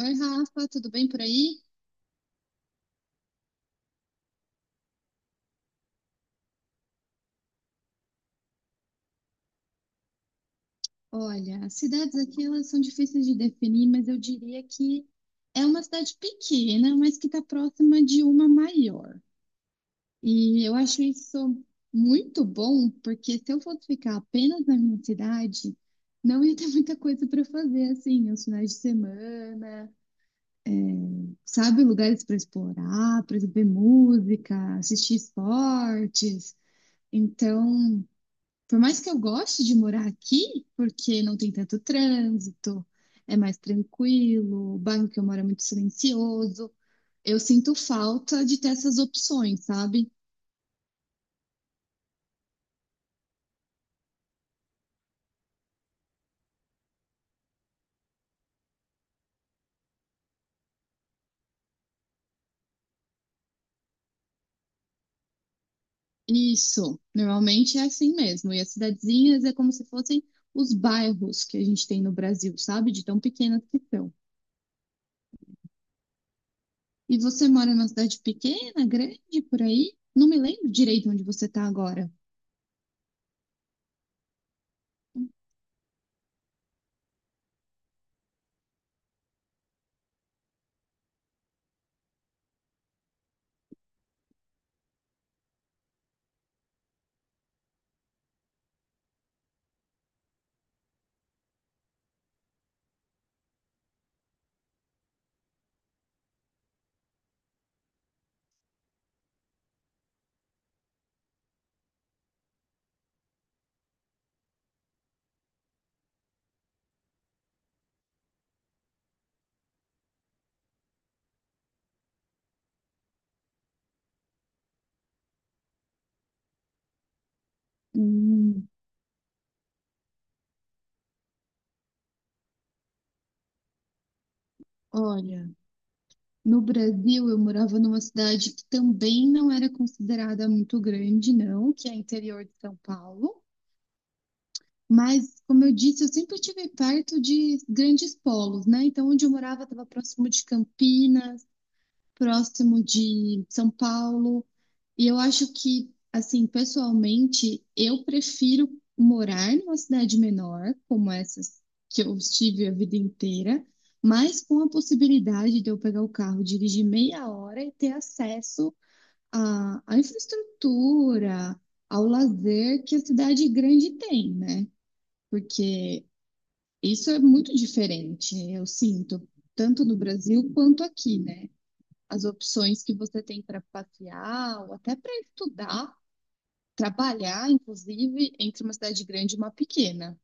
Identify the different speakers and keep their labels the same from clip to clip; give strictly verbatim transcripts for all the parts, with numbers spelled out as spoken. Speaker 1: Oi, Rafa, tudo bem por aí? Olha, as cidades aqui elas são difíceis de definir, mas eu diria que é uma cidade pequena, mas que está próxima de uma maior. E eu acho isso muito bom, porque se eu fosse ficar apenas na minha cidade, não ia ter muita coisa para fazer, assim, aos finais de semana, sabe, lugares para explorar, para ver música, assistir esportes. Então, por mais que eu goste de morar aqui, porque não tem tanto trânsito, é mais tranquilo, o bairro que eu moro é muito silencioso, eu sinto falta de ter essas opções, sabe? Isso, normalmente é assim mesmo. E as cidadezinhas é como se fossem os bairros que a gente tem no Brasil, sabe? De tão pequenas que são. E você mora numa cidade pequena, grande, por aí? Não me lembro direito onde você está agora. Hum, olha. No Brasil, eu morava numa cidade que também não era considerada muito grande, não, que é interior de São Paulo. Mas, como eu disse, eu sempre estive perto de grandes polos, né? Então, onde eu morava estava próximo de Campinas, próximo de São Paulo. E eu acho que, assim, pessoalmente, eu prefiro morar numa cidade menor, como essas que eu estive a vida inteira, mas com a possibilidade de eu pegar o carro, dirigir meia hora e ter acesso à, à infraestrutura, ao lazer que a cidade grande tem, né? Porque isso é muito diferente, eu sinto, tanto no Brasil quanto aqui, né? As opções que você tem para passear ou até para estudar trabalhar, inclusive, entre uma cidade grande e uma pequena.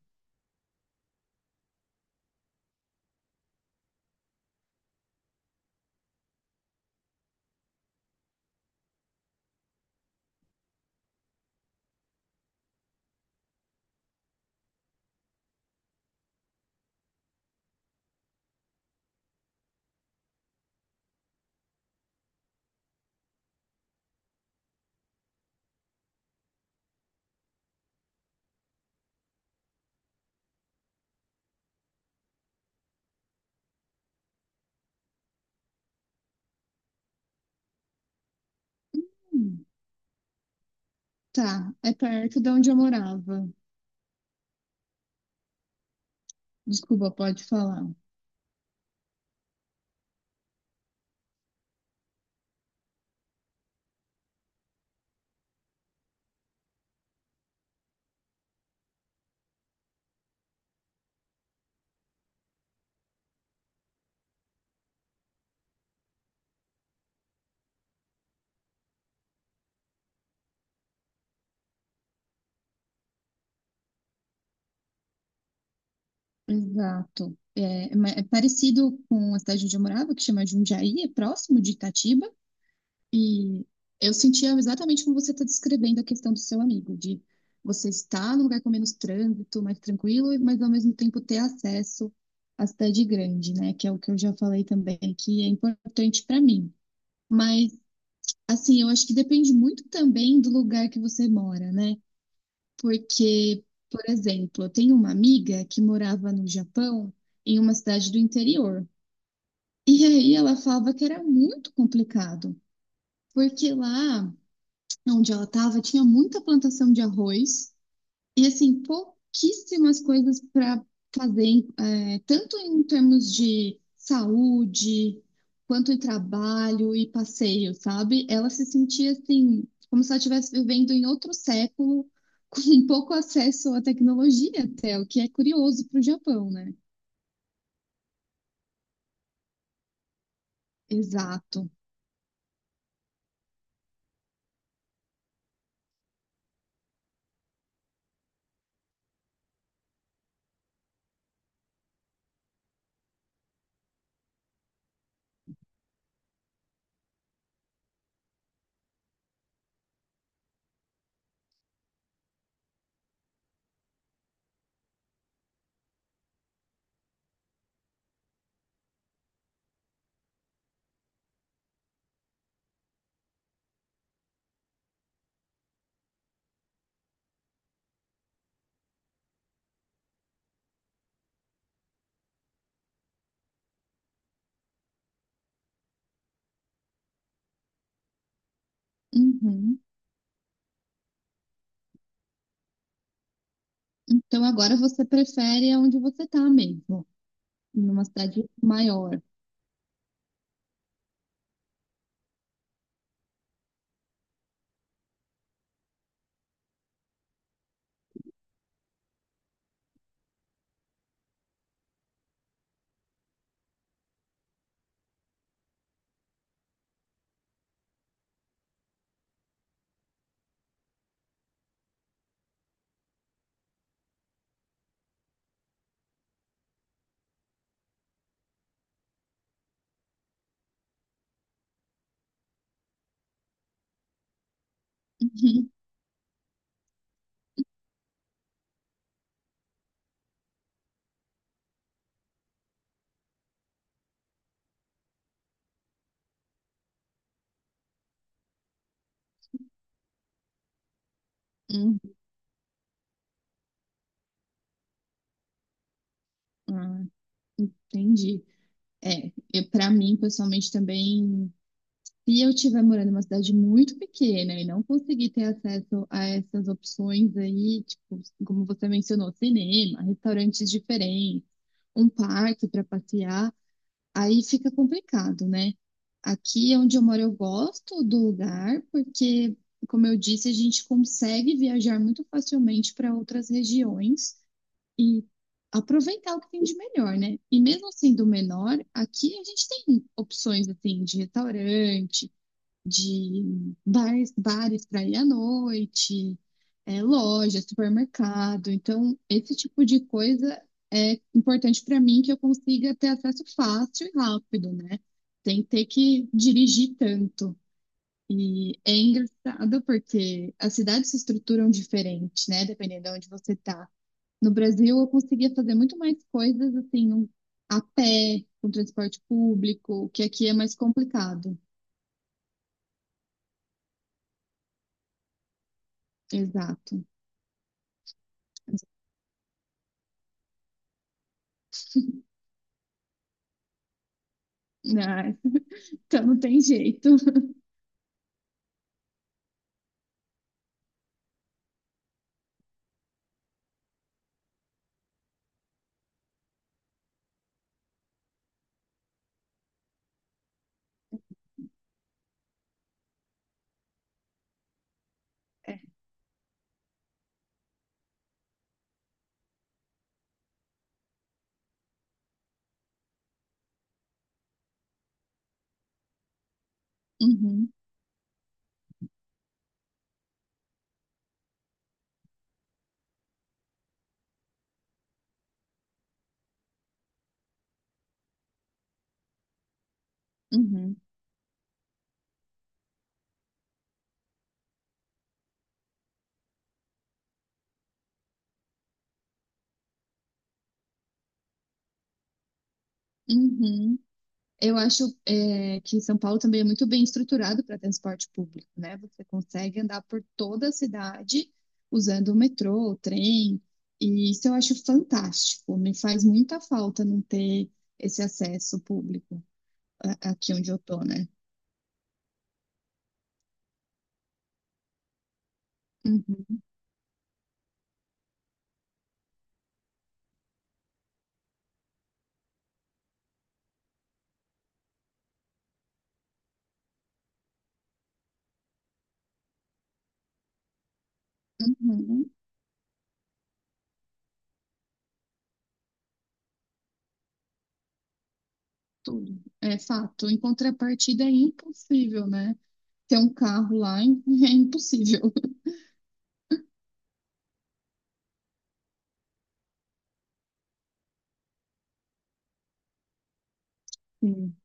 Speaker 1: Hum, tá, é perto de onde eu morava. Desculpa, pode falar. Exato. É, é ma- é parecido com a cidade onde eu morava, que chama Jundiaí, é próximo de Itatiba. E eu sentia exatamente como você está descrevendo a questão do seu amigo, de você estar num lugar com menos trânsito, mais tranquilo, mas ao mesmo tempo ter acesso à cidade grande, né? Que é o que eu já falei também, que é importante para mim. Mas assim, eu acho que depende muito também do lugar que você mora, né? Porque, por exemplo, eu tenho uma amiga que morava no Japão, em uma cidade do interior. E aí ela falava que era muito complicado, porque lá onde ela estava tinha muita plantação de arroz e assim, pouquíssimas coisas para fazer, é, tanto em termos de saúde, quanto em trabalho e passeio, sabe? Ela se sentia assim, como se ela estivesse vivendo em outro século, com pouco acesso à tecnologia até, o que é curioso para o Japão, né? Exato. Uhum. Então agora você prefere onde você tá mesmo, numa cidade maior. Uhum. Uhum. Ah, entendi. É, eu, para mim, pessoalmente, também, se eu estiver morando em uma cidade muito pequena e não conseguir ter acesso a essas opções aí, tipo, como você mencionou, cinema, restaurantes diferentes, um parque para passear, aí fica complicado, né? Aqui onde eu moro, eu gosto do lugar, porque, como eu disse, a gente consegue viajar muito facilmente para outras regiões e aproveitar o que tem de melhor, né? E mesmo sendo menor, aqui a gente tem opções assim de restaurante, de bares, bares para ir à noite, é, loja, supermercado. Então, esse tipo de coisa é importante para mim que eu consiga ter acesso fácil e rápido, né? Sem ter que dirigir tanto. E é engraçado porque as cidades se estruturam diferente, né? Dependendo de onde você está. No Brasil, eu conseguia fazer muito mais coisas assim, um- a pé, com transporte público, que aqui é mais complicado. Exato. Ah, então não tem jeito. É. Uhum, uhum, uhum. Eu acho é, que São Paulo também é muito bem estruturado para transporte público, né? Você consegue andar por toda a cidade usando o metrô, o trem, e isso eu acho fantástico. Me faz muita falta não ter esse acesso público a- aqui onde eu tô, né? Uhum, uhum, tudo. É fato. Em contrapartida, é impossível, né? Ter um carro lá em- É impossível. Sim,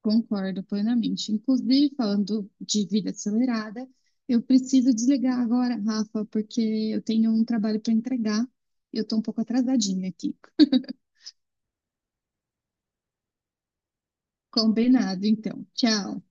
Speaker 1: concordo plenamente. Inclusive, falando de vida acelerada, eu preciso desligar agora, Rafa, porque eu tenho um trabalho para entregar e eu estou um pouco atrasadinha aqui. Combinado, então. Tchau.